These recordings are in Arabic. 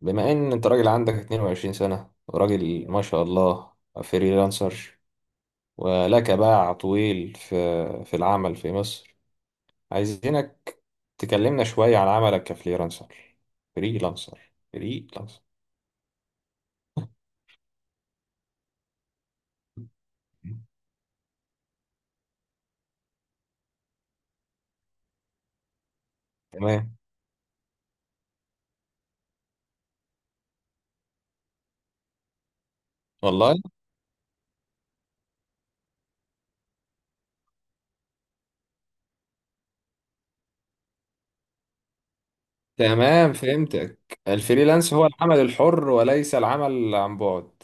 بما ان انت راجل عندك 22 سنة، وراجل ما شاء الله فريلانسر، ولك باع طويل في العمل في مصر. عايزينك تكلمنا شوية عن عملك كفريلانسر فريلانسر. تمام. والله. تمام فهمتك. الفريلانس هو العمل الحر وليس العمل عن بعد.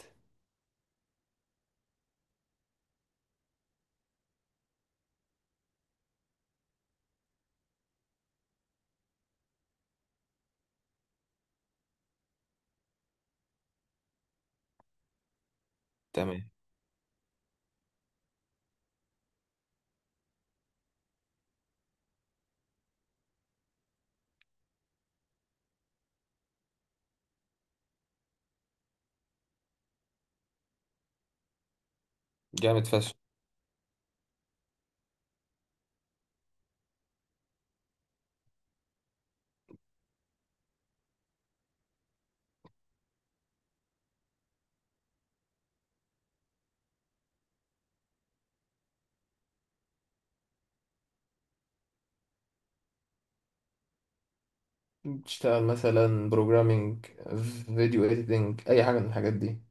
تمام. جامد فشخ. تشتغل مثلا بروجرامينج، فيديو اديتنج، اي حاجه من الحاجات دي.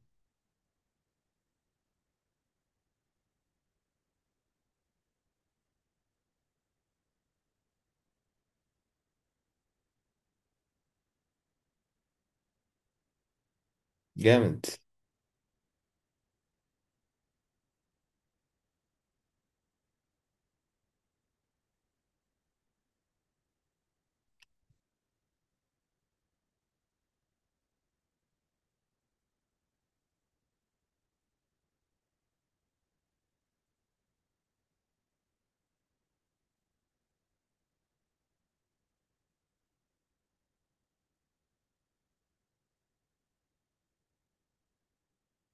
جامد.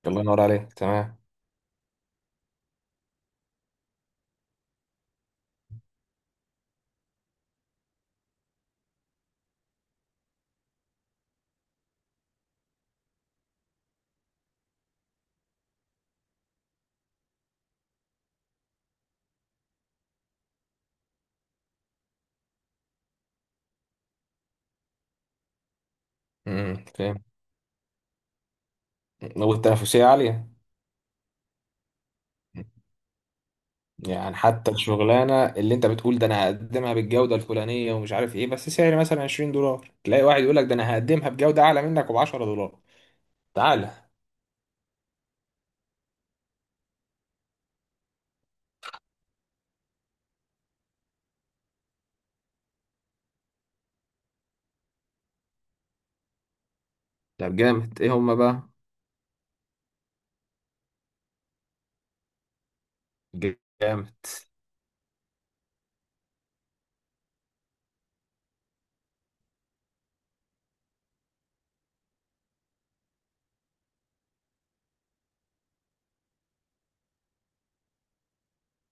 الله ينور عليك. تمام. فاهم. والتنافسية عالية. يعني حتى الشغلانة اللي انت بتقول ده انا هقدمها بالجودة الفلانية ومش عارف ايه، بس سعر مثلا 20 دولار تلاقي واحد يقول لك ده انا هقدمها بجودة اعلى منك وب 10 دولار. تعالى. طب جامد، ايه هما بقى؟ جامد.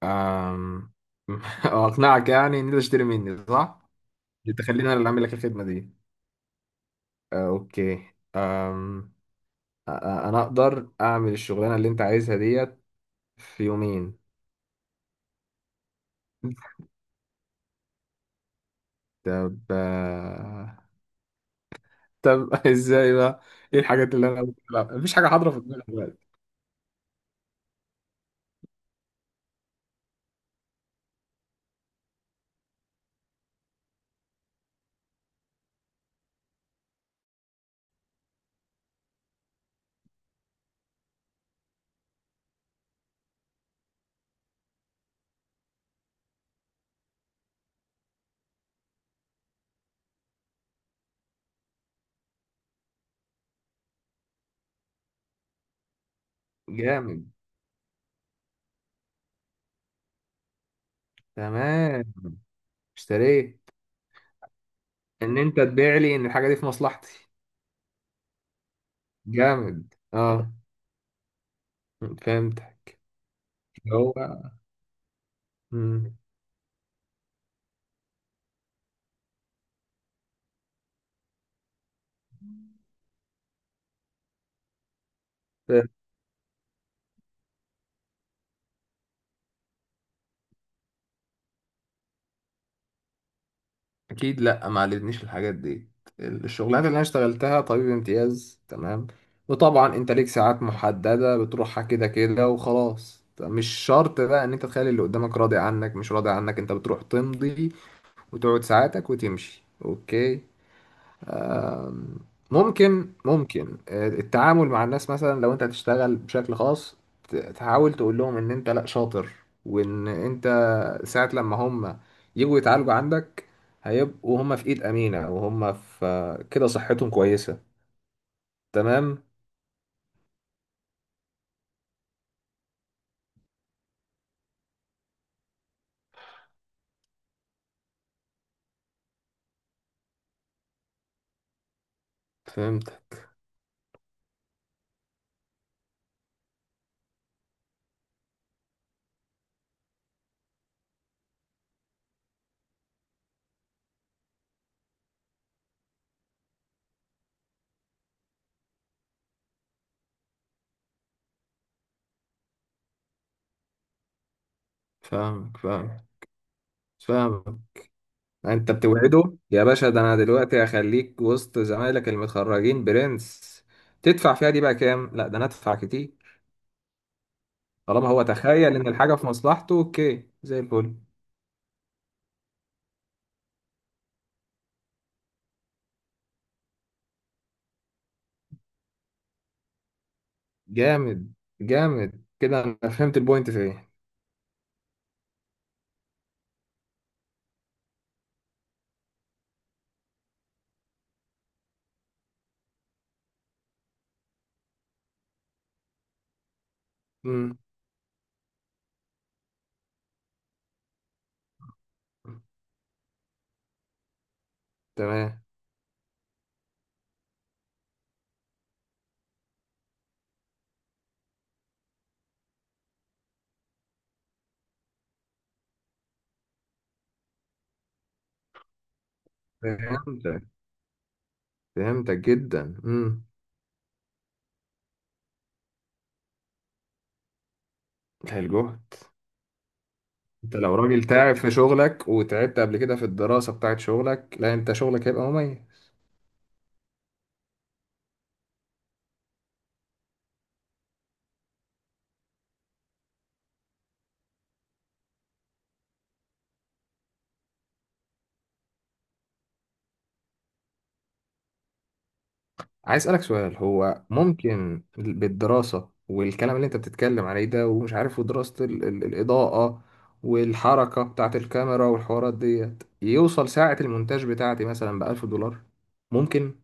أم... اقنعك يعني ان انت تشتري مني صح؟ انت خليني انا اللي اعمل لك الخدمة دي. آه، اوكي. أم... انا اقدر اعمل الشغلانة اللي انت عايزها ديت في يومين. طب. طب ازاي بقى؟ ايه الحاجات اللي انا ممكن العبها؟ مفيش حاجه حاضره في دماغي دلوقتي. جامد. تمام. اشتريت. ان انت تبيع لي ان الحاجه دي في مصلحتي. جامد اه. فهمت. هو. مم. فهمت. اكيد لا، ما علمتنيش الحاجات دي. الشغلانات اللي انا اشتغلتها طبيب امتياز. تمام. وطبعا انت ليك ساعات محدده بتروحها كده كده وخلاص. مش شرط بقى ان انت تخلي اللي قدامك راضي عنك مش راضي عنك. انت بتروح تمضي وتقعد ساعاتك وتمشي. اوكي. ممكن، التعامل مع الناس مثلا لو انت هتشتغل بشكل خاص تحاول تقول لهم ان انت لا شاطر، وان انت ساعة لما هم يجوا يتعالجوا عندك هيبقوا هم في ايد امينة وهم في كده صحتهم كويسة. تمام. فهمت. فاهمك، فاهمك. فاهمك. انت بتوعده يا باشا، ده انا دلوقتي هخليك وسط زمايلك المتخرجين برنس. تدفع فيها دي بقى كام؟ لا، ده انا ادفع كتير. طالما هو تخيل ان الحاجه في مصلحته، اوكي زي الفل. جامد. جامد كده، انا فهمت البوينت في ايه. امم. تمام. فهمتك، فهمتك جدا. امم. الجهد. انت لو راجل تعب في شغلك وتعبت قبل كده في الدراسه بتاعت شغلك، لا انت شغلك هيبقى مميز. عايز اسالك سؤال. هو ممكن بالدراسه والكلام اللي انت بتتكلم عليه ده ومش عارف ودراسه الاضاءه والحركه بتاعه الكاميرا والحوارات ديت، يوصل ساعه المونتاج بتاعتي مثلا ب 1000 دولار؟ ممكن.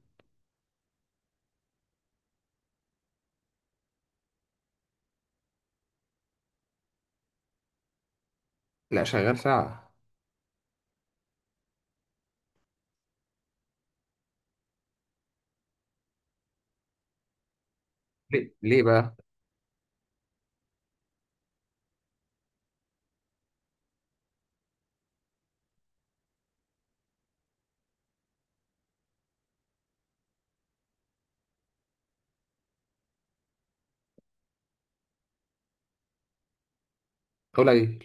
لا شغال ساعه. ليه ليه بقى؟ قليل.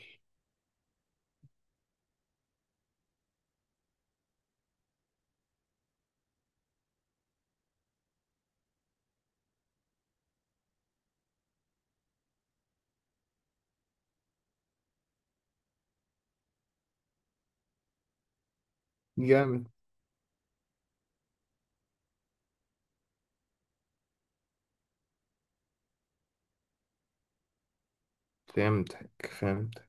جامد. فهمتك، فهمتك،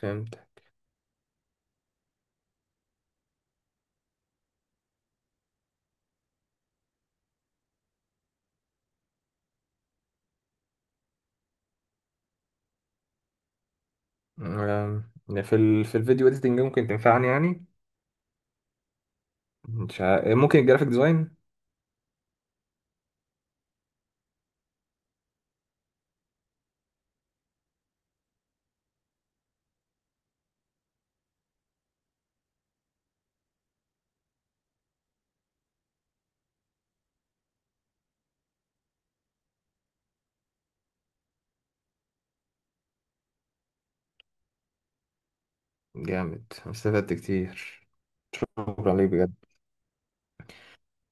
فهمتك. يعني في في الفيديو اديتنج ممكن تنفعني يعني. مش ع... ممكن الجرافيك ديزاين. جامد، استفدت كتير. شكرا ليك بجد.